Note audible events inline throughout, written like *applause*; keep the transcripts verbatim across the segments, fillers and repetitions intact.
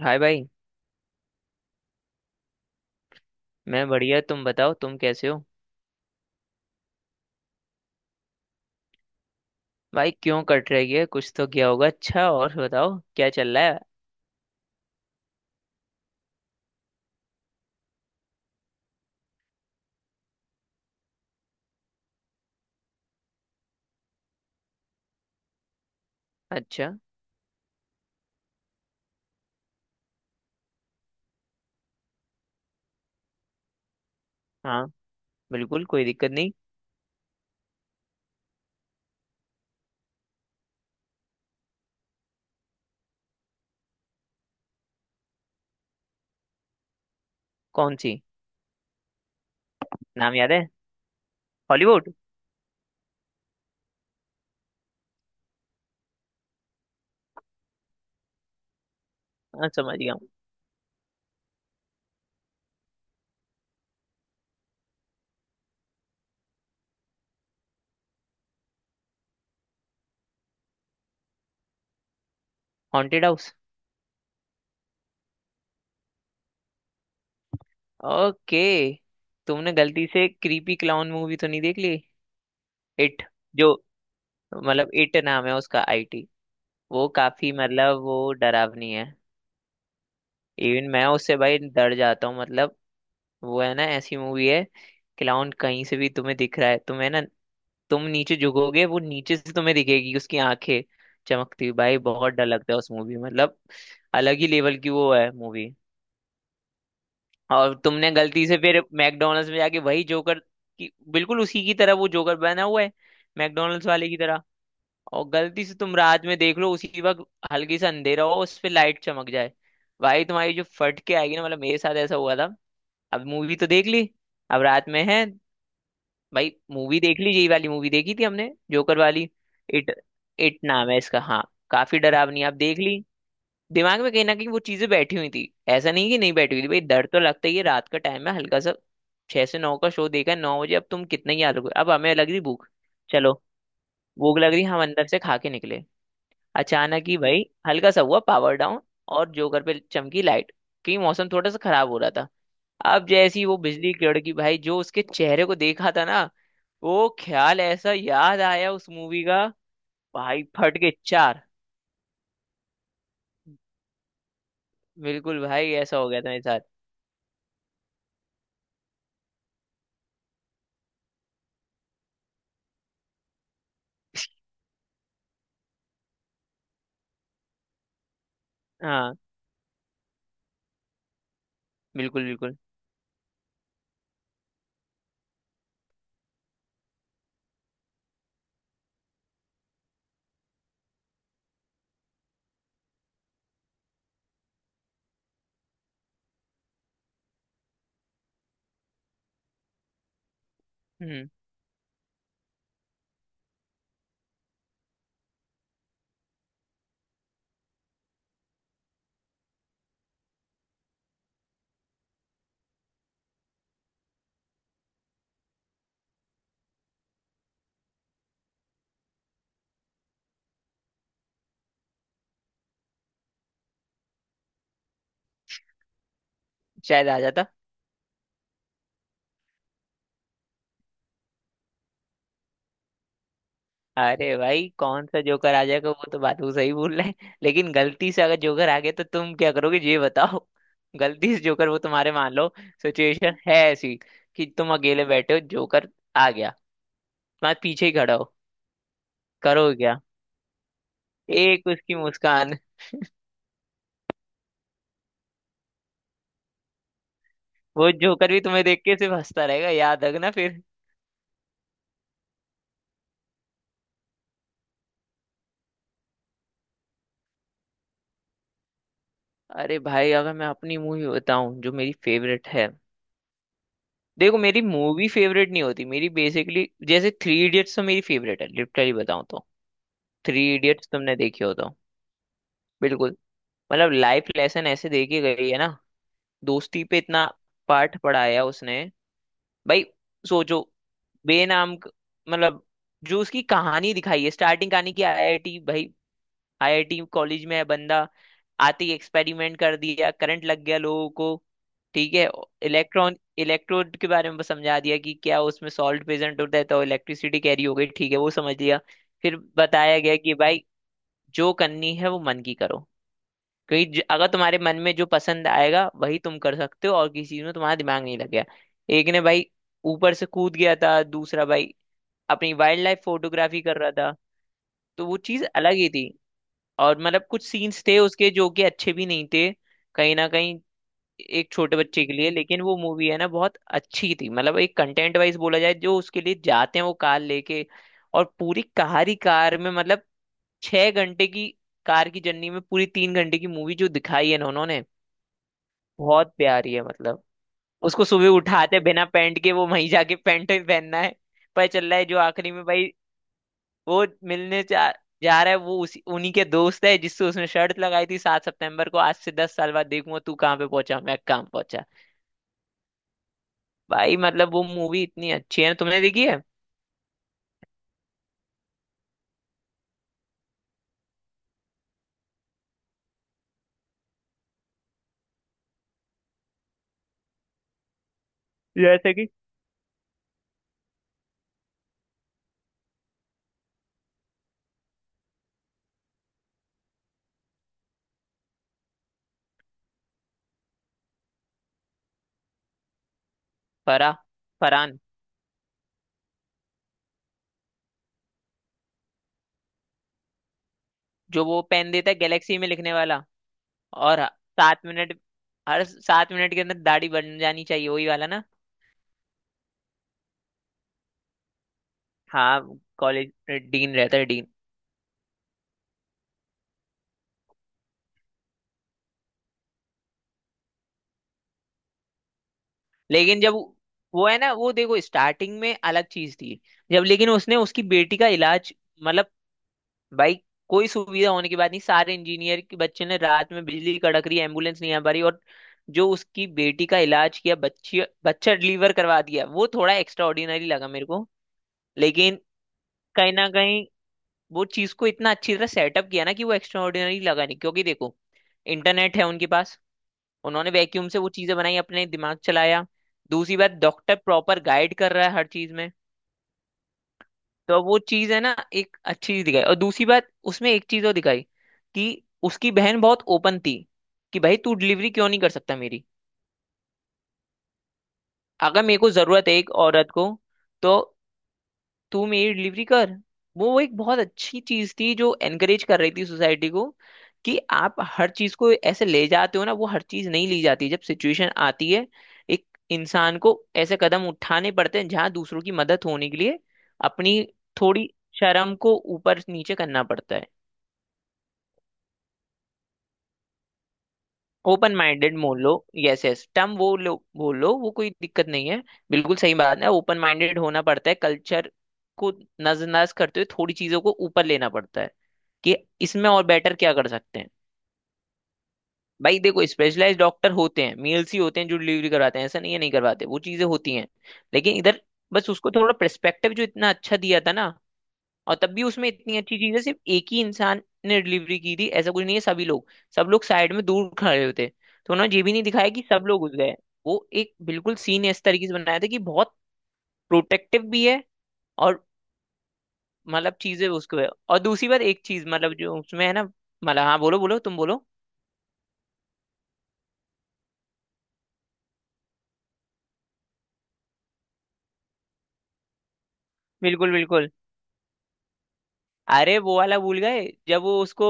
हाय भाई। मैं बढ़िया, तुम बताओ तुम कैसे हो? भाई क्यों कट रही है? कुछ तो किया होगा। अच्छा, और बताओ क्या चल रहा है? अच्छा। हाँ, बिल्कुल कोई दिक्कत नहीं। कौन सी? नाम याद है? हॉलीवुड। हाँ, समझ गया हूँ। Haunted house. ओके। तुमने गलती से क्रीपी क्लाउन मूवी तो नहीं देख ली? इट। जो, मतलब इट नाम है उसका, आई टी। वो काफी, मतलब वो डरावनी है। इवन मैं उससे भाई डर जाता हूँ, मतलब वो है ना ऐसी मूवी है। क्लाउन कहीं से भी तुम्हें दिख रहा है तुम्हें ना। तुम नीचे झुकोगे, वो नीचे से तुम्हें दिखेगी उसकी आंखें चमकती हुई। भाई बहुत डर लगता है उस मूवी में। मतलब अलग ही लेवल की वो है मूवी। और तुमने गलती से फिर मैकडोनल्ड्स में जाके वही जोकर की, बिल्कुल उसी की तरह वो जोकर बना हुआ है मैकडोनल्ड्स वाले की तरह। और गलती से तुम रात में देख लो उसी वक्त, हल्की सा अंधेरा हो उस पे लाइट चमक जाए, भाई तुम्हारी जो फट के आएगी ना, मतलब मेरे साथ ऐसा हुआ था। अब मूवी तो देख ली, अब रात में है। भाई मूवी देख लीजिए, ये वाली मूवी देखी थी हमने, जोकर वाली। इट। इट नाम है इसका, हाँ। काफी डरावनी आप देख ली। दिमाग में कहीं ना कहीं वो चीजें बैठी हुई थी। ऐसा नहीं कि नहीं बैठी हुई थी। भाई डर तो लगता ही है, रात का टाइम है हल्का सा। छह से नौ का शो देखा है, नौ बजे। अब तुम कितना ही आलोगे, अब हमें लग रही भूख। चलो। भूख लग रही, हम अंदर से खा के निकले। अचानक ही भाई हल्का सा हुआ पावर डाउन, और जोकर पे चमकी लाइट क्योंकि मौसम थोड़ा सा खराब हो रहा था। अब जैसी वो बिजली कड़की भाई, जो उसके चेहरे को देखा था ना वो, ख्याल ऐसा याद आया उस मूवी का। भाई फट के चार। बिल्कुल भाई ऐसा हो गया था मेरे साथ। हाँ। बिल्कुल बिल्कुल। हम्म। शायद आ जाता। अरे भाई कौन सा जोकर आ जाएगा, वो तो बात वो सही बोल रहे हैं, लेकिन गलती से अगर जोकर आ गया तो तुम क्या करोगे ये बताओ। *laughs* गलती से जोकर वो तुम्हारे, मान लो सिचुएशन है ऐसी कि तुम अकेले बैठे हो, जोकर आ गया तुम्हारे पीछे ही खड़ा हो, करोगे क्या? एक उसकी मुस्कान, वो जोकर भी तुम्हें देख के सिर्फ हंसता रहेगा, याद रखना फिर। अरे भाई अगर मैं अपनी मूवी बताऊं जो मेरी फेवरेट है, देखो मेरी मूवी फेवरेट नहीं होती मेरी, बेसिकली जैसे थ्री इडियट्स तो मेरी फेवरेट है, लिटरली बताऊं तो। थ्री इडियट्स तुमने देखी हो तो? बिल्कुल। मतलब लाइफ लेसन ऐसे दे के गई है ना, दोस्ती पे इतना पाठ पढ़ाया उसने। भाई सोचो, बेनाम क- मतलब जो उसकी कहानी दिखाई है स्टार्टिंग, कहानी की आई आई टी। भाई आई आई टी कॉलेज में है बंदा, आते ही एक्सपेरिमेंट कर दिया, करंट लग गया लोगों को। ठीक है। इलेक्ट्रॉन इलेक्ट्रोड के बारे में समझा दिया कि क्या उसमें सॉल्ट प्रेजेंट होता है तो इलेक्ट्रिसिटी कैरी हो गई। ठीक है वो समझ लिया। फिर बताया गया कि भाई जो करनी है वो मन की करो, क्योंकि ज- अगर तुम्हारे मन में जो पसंद आएगा वही तुम कर सकते हो और किसी चीज में तुम्हारा दिमाग नहीं लगेगा। एक ने भाई ऊपर से कूद गया था, दूसरा भाई अपनी वाइल्ड लाइफ फोटोग्राफी कर रहा था, तो वो चीज अलग ही थी। और मतलब कुछ सीन्स थे उसके जो कि अच्छे भी नहीं थे कहीं ना कहीं, एक छोटे बच्चे के लिए। लेकिन वो मूवी है ना बहुत अच्छी थी, मतलब एक कंटेंट वाइज बोला जाए, जो उसके लिए जाते हैं वो कार लेके, और पूरी कार ही कार में, मतलब छह घंटे की कार की जर्नी में पूरी तीन घंटे की मूवी जो दिखाई है ना उन्होंने, बहुत प्यारी है मतलब। उसको सुबह उठाते बिना पैंट के, वो वहीं जाके पैंट ही पहनना है पर चल रहा है, जो आखिरी में भाई वो मिलने जा जा रहा है वो उसी उन्हीं के दोस्त है जिससे उसने शर्त लगाई थी सात सितंबर को, आज से दस साल बाद देखूंगा तू कहाँ पे पहुंचा मैं कहाँ पहुंचा। भाई मतलब वो मूवी इतनी अच्छी है ना, तुमने देखी है? जैसे कि फरा फरहान, जो वो पेन देता है गैलेक्सी में लिखने वाला, और सात मिनट, हर सात मिनट के अंदर दाढ़ी बन जानी चाहिए वही वाला ना। हाँ कॉलेज, डीन रहता है, डीन। लेकिन जब वो है ना, वो देखो स्टार्टिंग में अलग चीज थी, जब लेकिन उसने उसकी बेटी का इलाज, मतलब भाई कोई सुविधा होने के बाद नहीं, सारे इंजीनियर के बच्चे ने रात में बिजली कड़क रही एम्बुलेंस नहीं आ पा रही, और जो उसकी बेटी का इलाज किया, बच्ची बच्चा डिलीवर करवा दिया, वो थोड़ा एक्स्ट्रा ऑर्डिनरी लगा मेरे को। लेकिन कहीं ना कहीं वो चीज को इतना अच्छी तरह सेटअप किया ना कि वो एक्स्ट्रा ऑर्डिनरी लगा नहीं, क्योंकि देखो इंटरनेट है उनके पास, उन्होंने वैक्यूम से वो चीजें बनाई, अपने दिमाग चलाया। दूसरी बात डॉक्टर प्रॉपर गाइड कर रहा है हर चीज में। तो अब वो चीज है ना, एक अच्छी चीज दिखाई। और दूसरी बात उसमें एक चीज और दिखाई, कि उसकी बहन बहुत ओपन थी कि भाई तू डिलीवरी क्यों नहीं कर सकता मेरी, अगर मेरे को जरूरत है एक औरत को, तो तू मेरी डिलीवरी कर। वो एक बहुत अच्छी चीज थी जो एनकरेज कर रही थी सोसाइटी को, कि आप हर चीज को ऐसे ले जाते हो ना, वो हर चीज नहीं ली जाती जब सिचुएशन आती है। एक इंसान को ऐसे कदम उठाने पड़ते हैं जहां दूसरों की मदद होने के लिए, अपनी थोड़ी शर्म को ऊपर नीचे करना पड़ता है। ओपन माइंडेड बोल लो, यस यस टर्म वो लो बोल लो, वो कोई दिक्कत नहीं है। बिल्कुल सही बात है, ओपन माइंडेड होना पड़ता है, कल्चर को नजरअंदाज करते हुए थोड़ी चीजों को ऊपर लेना पड़ता है, कि इसमें और बेटर क्या कर सकते हैं। भाई देखो स्पेशलाइज डॉक्टर होते हैं, मेल्स ही होते हैं जो डिलीवरी करवाते हैं। ऐसा नहीं है, नहीं करवाते, वो चीजें होती हैं लेकिन इधर, बस उसको थोड़ा पर्सपेक्टिव जो इतना अच्छा दिया था ना, और तब भी उसमें इतनी अच्छी चीज है, सिर्फ एक ही इंसान ने डिलीवरी की थी ऐसा कुछ नहीं है, सभी लोग, सब लोग साइड में दूर खड़े होते। तो उन्होंने ये भी नहीं दिखाया कि सब लोग घुस गए। वो एक बिल्कुल सीन इस तरीके से बनाया था कि बहुत प्रोटेक्टिव भी है, और मतलब चीजें उसको है। और दूसरी बात एक चीज मतलब जो उसमें है ना, मतलब हाँ बोलो बोलो तुम बोलो। बिल्कुल बिल्कुल। अरे वो वाला भूल गए जब वो उसको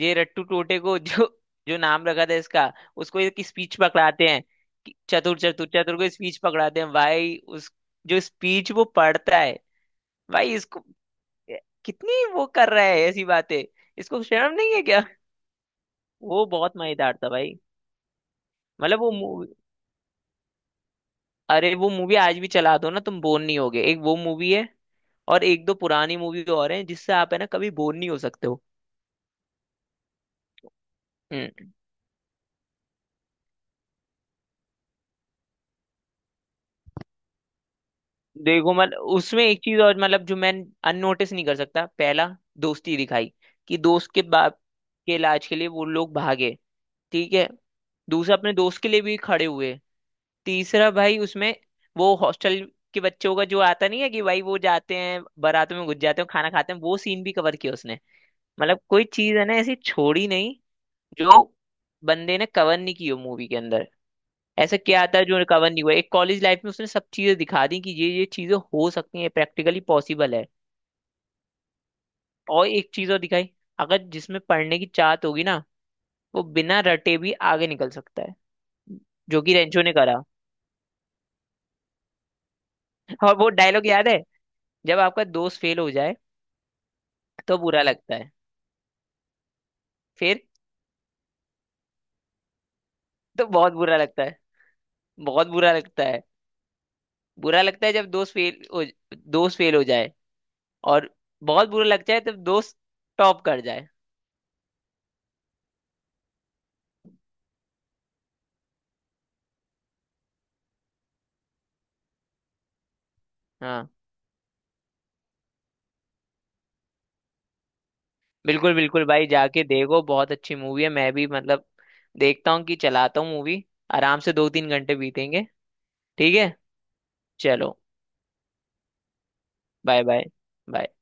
ये रट्टू टोटे को *laughs* जो जो नाम रखा था इसका, उसको एक स्पीच पकड़ाते हैं। कि चतुर, चतुर चतुर को स्पीच पकड़ाते हैं भाई, उस जो स्पीच वो पढ़ता है भाई, इसको कितनी वो कर रहा है ऐसी बातें, इसको शर्म नहीं है क्या? वो बहुत मजेदार था भाई, मतलब वो मूवी। अरे वो मूवी आज भी चला दो ना, तुम बोर नहीं होगे। एक वो मूवी है, और एक दो पुरानी मूवी और हैं जिससे आप है ना कभी बोर नहीं हो सकते हो। हम्म। देखो मतलब उसमें एक चीज और, मतलब जो मैं अननोटिस नहीं कर सकता, पहला दोस्ती दिखाई कि दोस्त के बाप के इलाज के लिए वो लोग भागे, ठीक है, दूसरा अपने दोस्त के लिए भी खड़े हुए। तीसरा भाई उसमें वो हॉस्टल के बच्चों का जो आता नहीं है कि भाई वो जाते हैं बारातों में घुस जाते हैं खाना खाते हैं, वो सीन भी कवर किया उसने। मतलब कोई चीज है ना ऐसी छोड़ी नहीं जो बंदे ने कवर नहीं की हो मूवी के अंदर। ऐसा क्या था जो कवर नहीं हुआ एक कॉलेज लाइफ में, उसने सब चीजें दिखा दी कि ये ये चीजें हो सकती हैं, प्रैक्टिकली पॉसिबल है। और एक चीज और दिखाई, अगर जिसमें पढ़ने की चाहत होगी ना वो बिना रटे भी आगे निकल सकता है, जो कि रेंचो ने करा। और वो डायलॉग याद है, जब आपका दोस्त फेल हो जाए तो बुरा लगता है, फिर तो बहुत बुरा लगता है, बहुत बुरा लगता है। बुरा लगता है जब दोस्त फेल हो, दोस्त फेल हो जाए, और बहुत बुरा लगता है जब दोस्त टॉप कर जाए। हाँ। बिल्कुल बिल्कुल भाई जाके देखो, बहुत अच्छी मूवी है, मैं भी मतलब देखता हूँ कि चलाता हूँ मूवी, आराम से दो तीन घंटे बीतेंगे। ठीक है। चलो। Bye bye. बाय।